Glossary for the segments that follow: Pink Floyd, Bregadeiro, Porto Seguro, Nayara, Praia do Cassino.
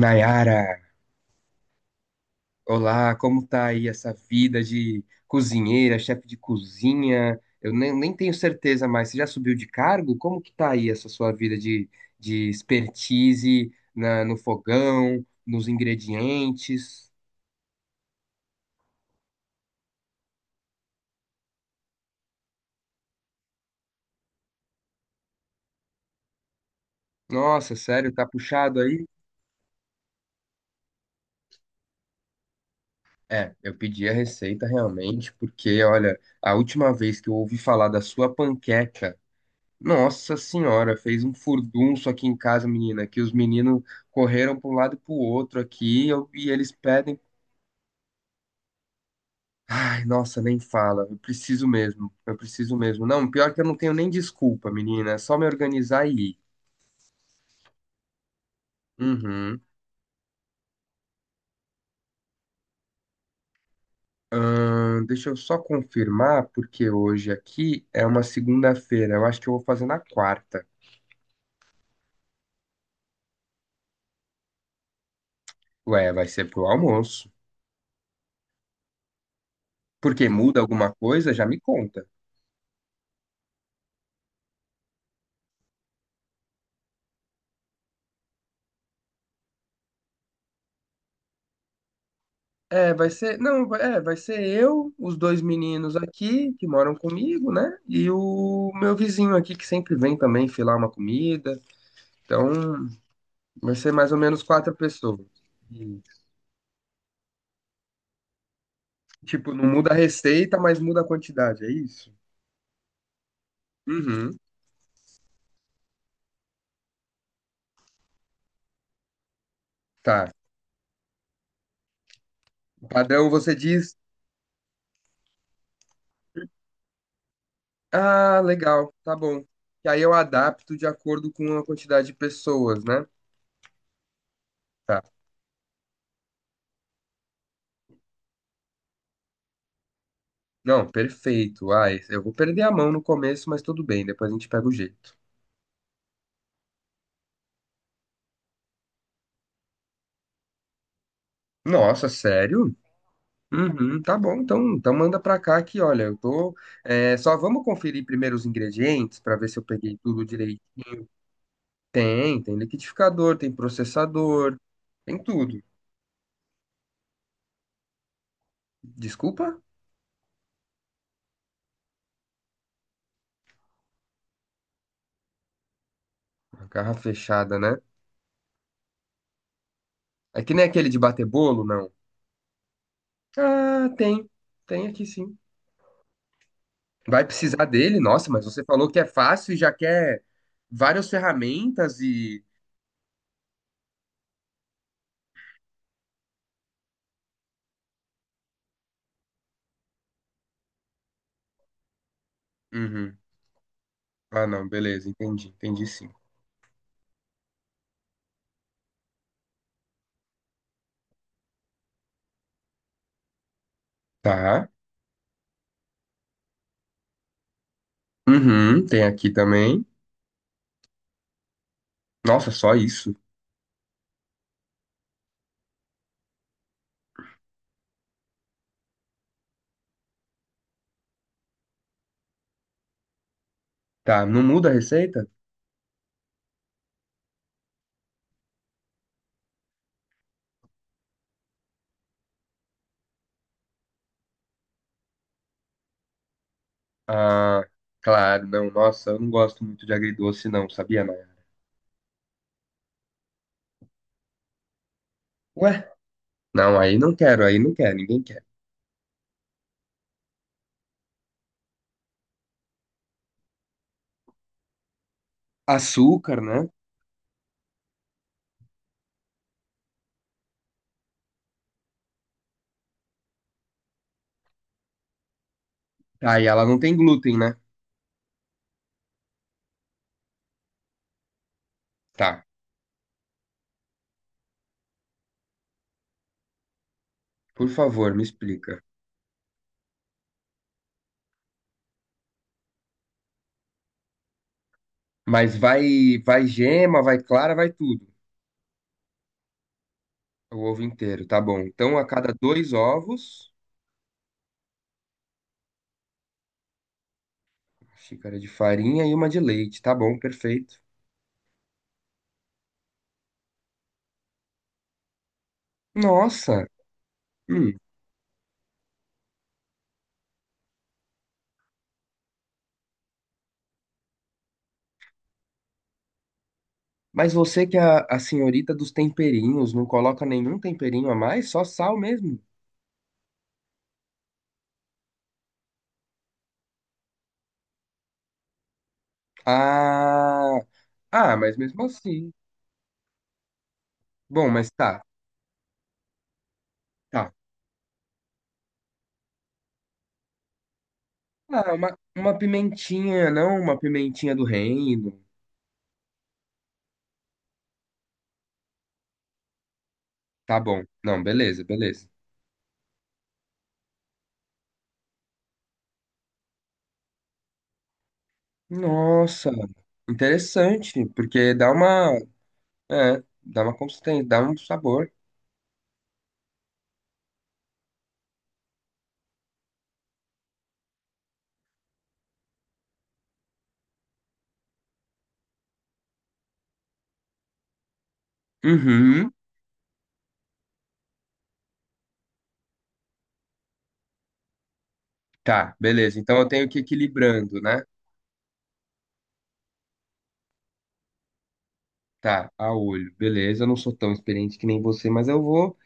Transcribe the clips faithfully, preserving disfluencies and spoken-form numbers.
Nayara, olá, como tá aí essa vida de cozinheira, chefe de cozinha? Eu nem, nem tenho certeza mais. Você já subiu de cargo? Como que tá aí essa sua vida de, de expertise na- no fogão, nos ingredientes? Nossa, sério, tá puxado aí? É, eu pedi a receita realmente, porque olha, a última vez que eu ouvi falar da sua panqueca. Nossa senhora, fez um furdunço aqui em casa, menina, que os meninos correram para um lado e para o outro aqui e, eu- e eles pedem. Ai, nossa, nem fala. Eu preciso mesmo. Eu preciso mesmo. Não, pior que eu não tenho nem desculpa, menina. É só me organizar e ir. Uhum. Ahn, deixa eu só confirmar, porque hoje aqui é uma segunda-feira. Eu acho que eu vou fazer na quarta. Ué, vai ser pro almoço. Porque muda alguma coisa, já me conta. É, vai ser, não, vai- é, vai ser eu, os dois meninos aqui que moram comigo, né? E o meu vizinho aqui que sempre vem também filar uma comida. Então, vai ser mais ou menos quatro pessoas. E, tipo, não muda a receita, mas muda a quantidade, é isso? Uhum. Tá. O padrão você diz, ah, legal, tá bom. E aí eu adapto de acordo com a quantidade de pessoas, né? Tá. Não, perfeito. Ah, eu vou perder a mão no começo, mas tudo bem, depois a gente pega o jeito. Nossa, sério? Uhum, tá bom, então, então manda pra cá que, olha, eu tô. É, só vamos conferir primeiro os ingredientes pra ver se eu peguei tudo direito. Tem, tem liquidificador, tem processador, tem tudo. Desculpa? A garra fechada, né? É que nem aquele de bater bolo, não? Ah, tem. Tem aqui sim. Vai precisar dele? Nossa, mas você falou que é fácil e já quer várias ferramentas e. Uhum. Ah, não, beleza, entendi, entendi sim. Tá. Uhum, tem aqui também. Nossa, só isso? Tá, não muda a receita? Ah, claro, não. Nossa, eu não gosto muito de agridoce, não, sabia, Maia? Ué? Não, aí não quero, aí não quero, ninguém quer. Açúcar, né? Tá, e ela não tem glúten, né? Tá, por favor, me explica. Mas vai, vai gema, vai clara, vai tudo. O ovo inteiro, tá bom. Então, a cada dois ovos, uma xícara de farinha e uma de leite, tá bom, perfeito. Nossa, hum, mas você que é a, a senhorita dos temperinhos, não coloca nenhum temperinho a mais, só sal mesmo? Ah, ah, mas mesmo assim. Bom, mas tá, tá. Ah, uma, uma pimentinha, não uma pimentinha do reino. Tá bom. Não, beleza, beleza. Nossa, interessante, porque dá uma, é, dá uma consistência, dá um sabor. Uhum, tá, beleza. Então eu tenho que ir equilibrando, né? Tá, a olho. Beleza, eu não sou tão experiente que nem você, mas eu vou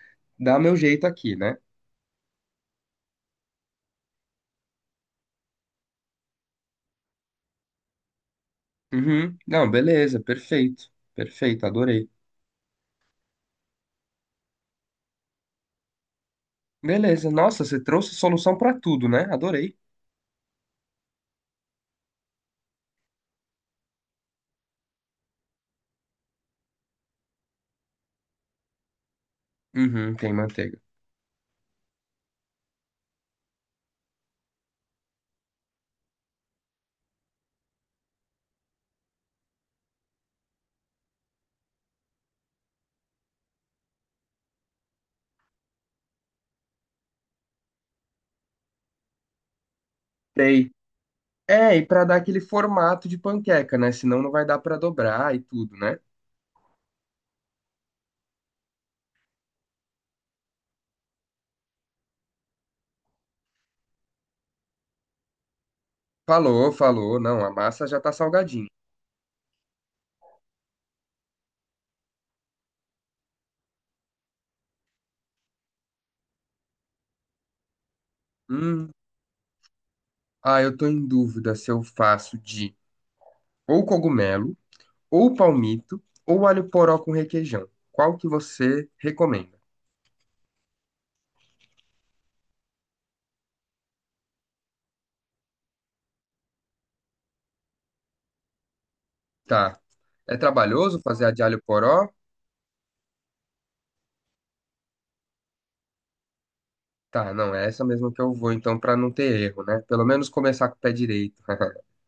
dá meu jeito aqui, né? Uhum. Não, beleza, perfeito. Perfeito, adorei. Beleza, nossa, você trouxe solução pra tudo, né? Adorei. Uhum, tem manteiga. Tem. É, e pra dar aquele formato de panqueca, né? Senão não vai dar pra dobrar e tudo, né? Falou, falou. Não, a massa já tá salgadinha. Hum. Ah, eu tô em dúvida se eu faço de ou cogumelo, ou palmito, ou alho poró com requeijão. Qual que você recomenda? Tá. É trabalhoso fazer a de alho poró? Tá, não, é essa mesmo que eu vou, então, pra não ter erro, né? Pelo menos começar com o pé direito.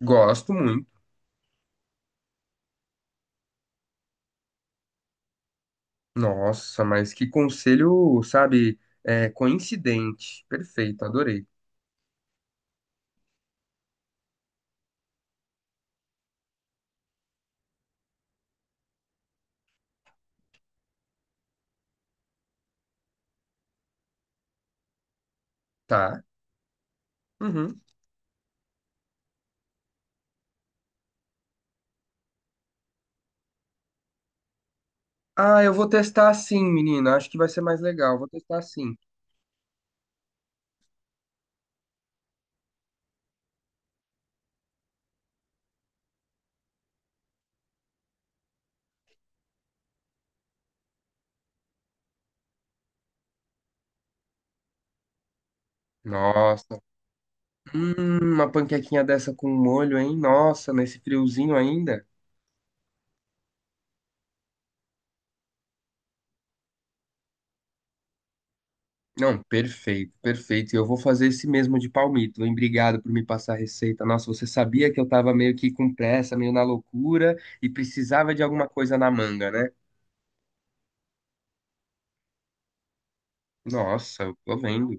Gosto muito. Nossa, mas que conselho, sabe? É, coincidente. Perfeito, adorei. Tá. Uhum. Ah, eu vou testar assim, menina. Acho que vai ser mais legal. Vou testar assim. Nossa. Hum, uma panquequinha dessa com molho, hein? Nossa, nesse friozinho ainda. Não, perfeito, perfeito. E eu vou fazer esse mesmo de palmito. Hein? Obrigado por me passar a receita. Nossa, você sabia que eu tava meio que com pressa, meio na loucura e precisava de alguma coisa na manga, né? Nossa, eu tô vendo.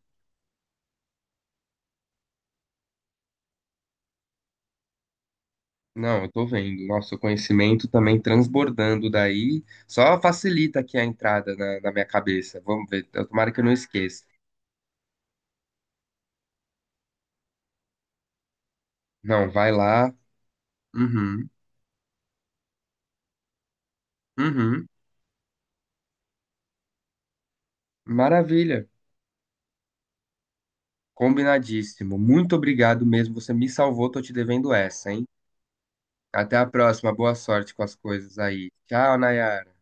Não, eu tô vendo. Nosso conhecimento também transbordando daí. Só facilita aqui a entrada na, na minha cabeça. Vamos ver. Eu- Tomara que eu não esqueça. Não, vai lá. Uhum, uhum. Maravilha. Combinadíssimo. Muito obrigado mesmo. Você me salvou. Tô te devendo essa, hein? Até a próxima. Boa sorte com as coisas aí. Tchau, Nayara.